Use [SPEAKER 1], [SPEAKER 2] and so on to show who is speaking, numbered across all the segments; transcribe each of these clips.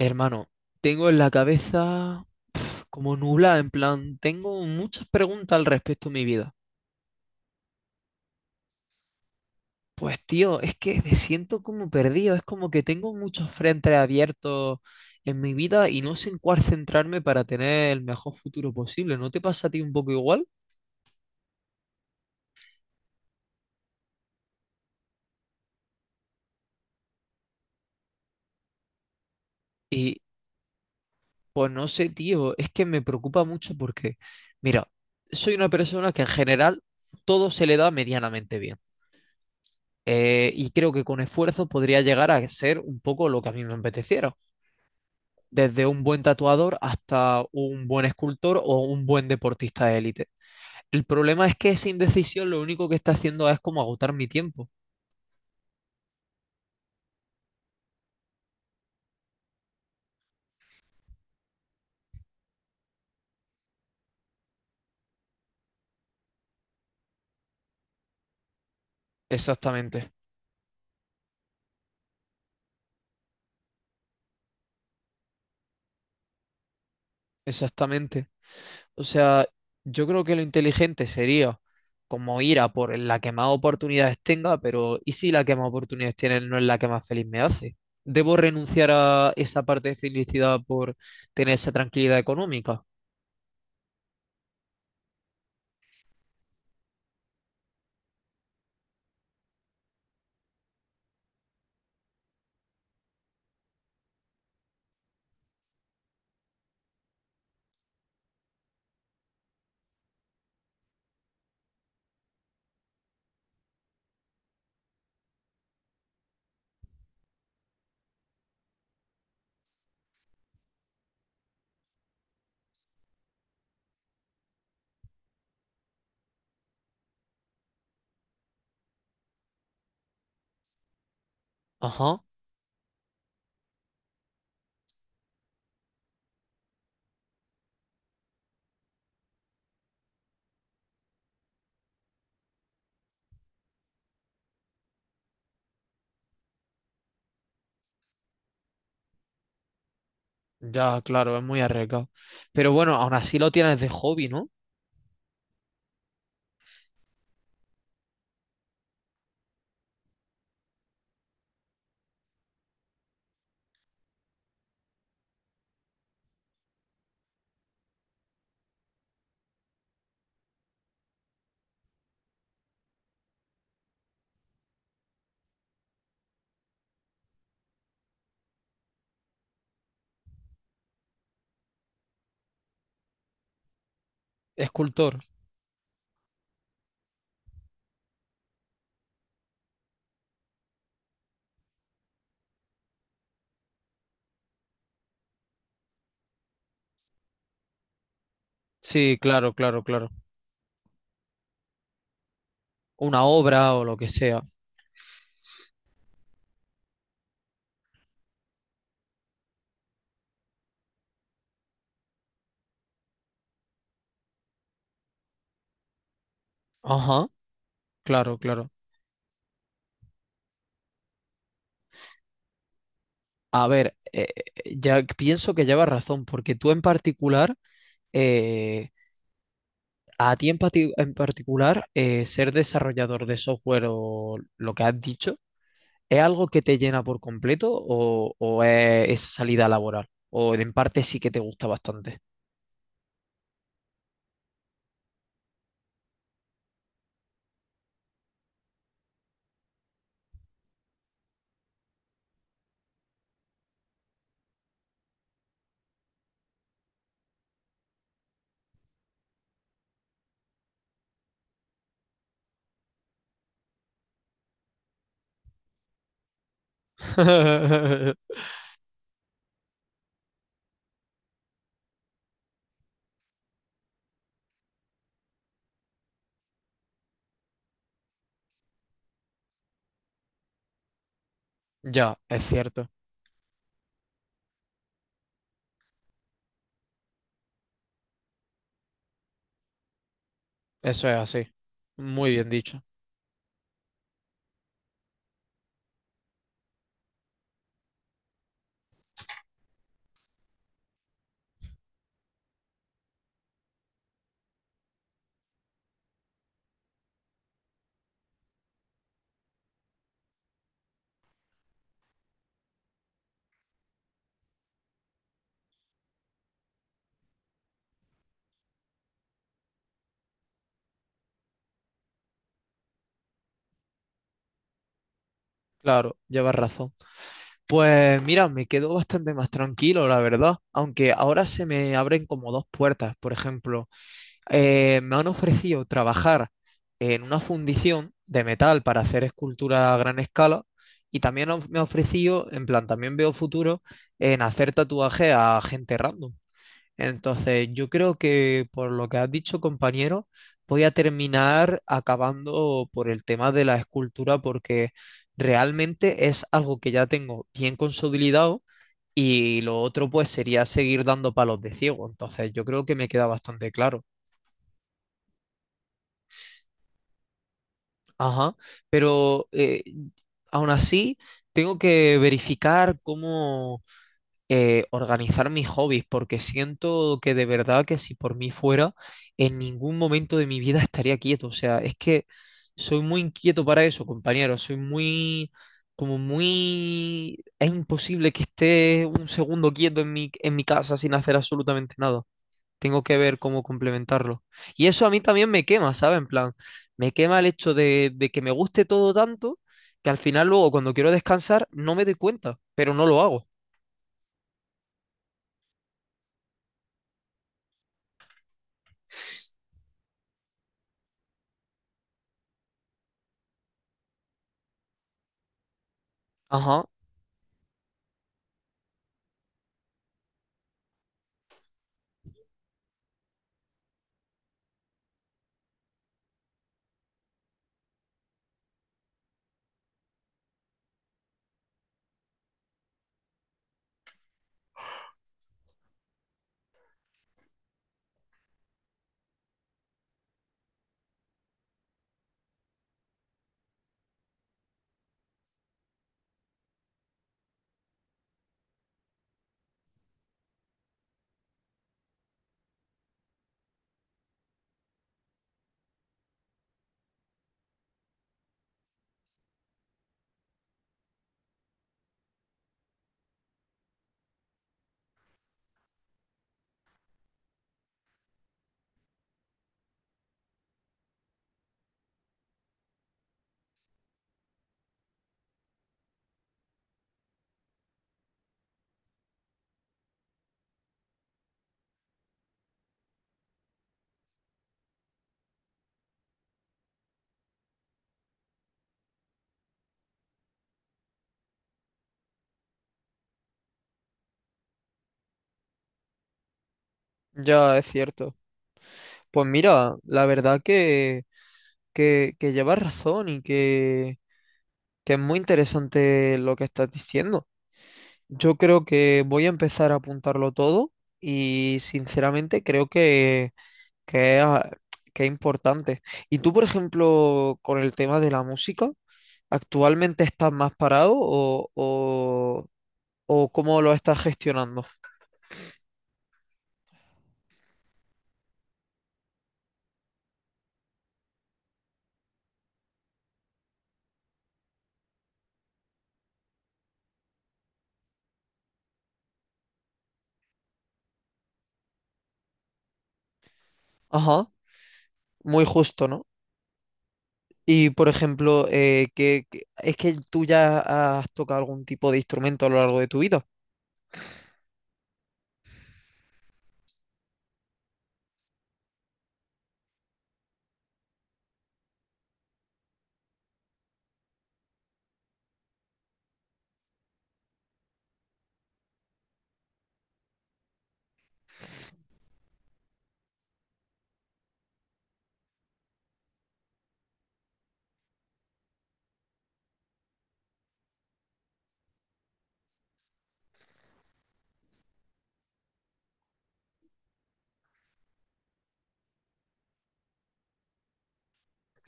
[SPEAKER 1] Hermano, tengo en la cabeza como nublada, en plan, tengo muchas preguntas al respecto de mi vida. Pues tío, es que me siento como perdido, es como que tengo muchos frentes abiertos en mi vida y no sé en cuál centrarme para tener el mejor futuro posible. ¿No te pasa a ti un poco igual? Y pues no sé, tío, es que me preocupa mucho porque, mira, soy una persona que en general todo se le da medianamente bien. Y creo que con esfuerzo podría llegar a ser un poco lo que a mí me apeteciera. Desde un buen tatuador hasta un buen escultor o un buen deportista de élite. El problema es que esa indecisión lo único que está haciendo es como agotar mi tiempo. Exactamente, exactamente. O sea, yo creo que lo inteligente sería como ir a por la que más oportunidades tenga, pero ¿y si la que más oportunidades tiene no es la que más feliz me hace? ¿Debo renunciar a esa parte de felicidad por tener esa tranquilidad económica? Ajá, ya, claro, es muy arriesgado. Pero bueno, aún así lo tienes de hobby, ¿no? Escultor. Sí, claro, claro, claro. Una obra o lo que sea. Ajá, claro, claro. A ver, ya pienso que llevas razón, porque tú en particular, eh, a ti en, en particular, ser desarrollador de software o lo que has dicho, ¿es algo que te llena por completo o es esa salida laboral? O en parte sí que te gusta bastante. Ya, es cierto. Eso es así. Muy bien dicho. Claro, llevas razón. Pues mira, me quedo bastante más tranquilo, la verdad, aunque ahora se me abren como dos puertas. Por ejemplo, me han ofrecido trabajar en una fundición de metal para hacer escultura a gran escala y también me ha ofrecido, en plan, también veo futuro en hacer tatuajes a gente random. Entonces, yo creo que por lo que has dicho, compañero, voy a terminar acabando por el tema de la escultura porque realmente es algo que ya tengo bien consolidado y lo otro pues sería seguir dando palos de ciego. Entonces, yo creo que me queda bastante claro. Ajá, pero aún así tengo que verificar cómo organizar mis hobbies, porque siento que de verdad que si por mí fuera, en ningún momento de mi vida estaría quieto. O sea, es que soy muy inquieto para eso, compañero. Soy muy, como muy... Es imposible que esté un segundo quieto en mi casa sin hacer absolutamente nada. Tengo que ver cómo complementarlo. Y eso a mí también me quema, ¿sabes? En plan, me quema el hecho de que me guste todo tanto que al final luego cuando quiero descansar no me doy cuenta, pero no lo hago. Ajá, ya, es cierto. Pues mira, la verdad que llevas razón y que es muy interesante lo que estás diciendo. Yo creo que voy a empezar a apuntarlo todo y sinceramente creo que es, ah, que es importante. ¿Y tú, por ejemplo, con el tema de la música, actualmente estás más parado o cómo lo estás gestionando? Ajá, muy justo, ¿no? Y por ejemplo, es que tú ya has tocado algún tipo de instrumento a lo largo de tu vida.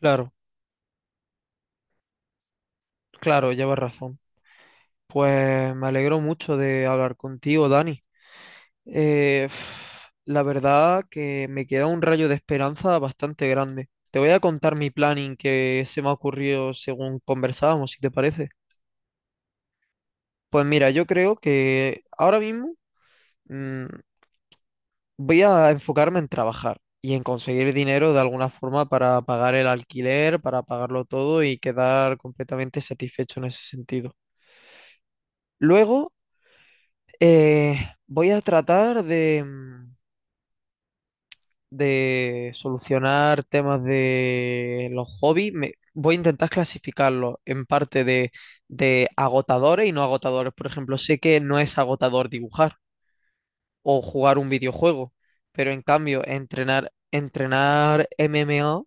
[SPEAKER 1] Claro, claro, llevas razón. Pues me alegro mucho de hablar contigo, Dani. Eh, la verdad que me queda un rayo de esperanza bastante grande. Te voy a contar mi planning que se me ha ocurrido según conversábamos, si te parece. Pues mira, yo creo que ahora mismo mm, voy a enfocarme en trabajar y en conseguir dinero de alguna forma para pagar el alquiler, para pagarlo todo y quedar completamente satisfecho en ese sentido. Luego, eh, voy a tratar de solucionar temas de los hobbies. Voy a intentar clasificarlos en parte de agotadores y no agotadores. Por ejemplo, sé que no es agotador dibujar o jugar un videojuego, pero en cambio, entrenar MMA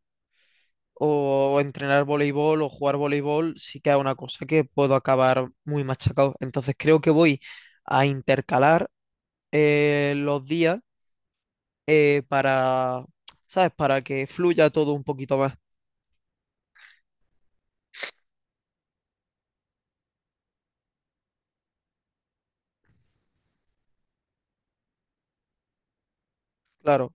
[SPEAKER 1] o entrenar voleibol o jugar voleibol, sí que es una cosa que puedo acabar muy machacado. Entonces creo que voy a intercalar los días para, ¿sabes? Para que fluya todo un poquito más. Claro,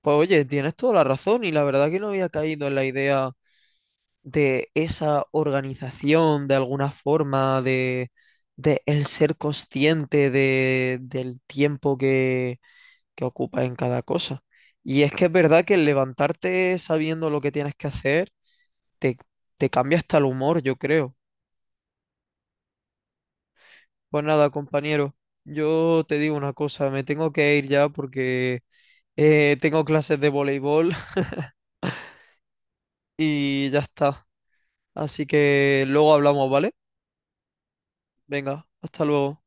[SPEAKER 1] pues oye, tienes toda la razón y la verdad que no había caído en la idea de esa organización de alguna forma, de el ser consciente de, del tiempo que ocupas en cada cosa. Y es que es verdad que el levantarte sabiendo lo que tienes que hacer te, te cambia hasta el humor, yo creo. Pues nada, compañero, yo te digo una cosa, me tengo que ir ya porque tengo clases de voleibol y ya está. Así que luego hablamos, ¿vale? Venga, hasta luego.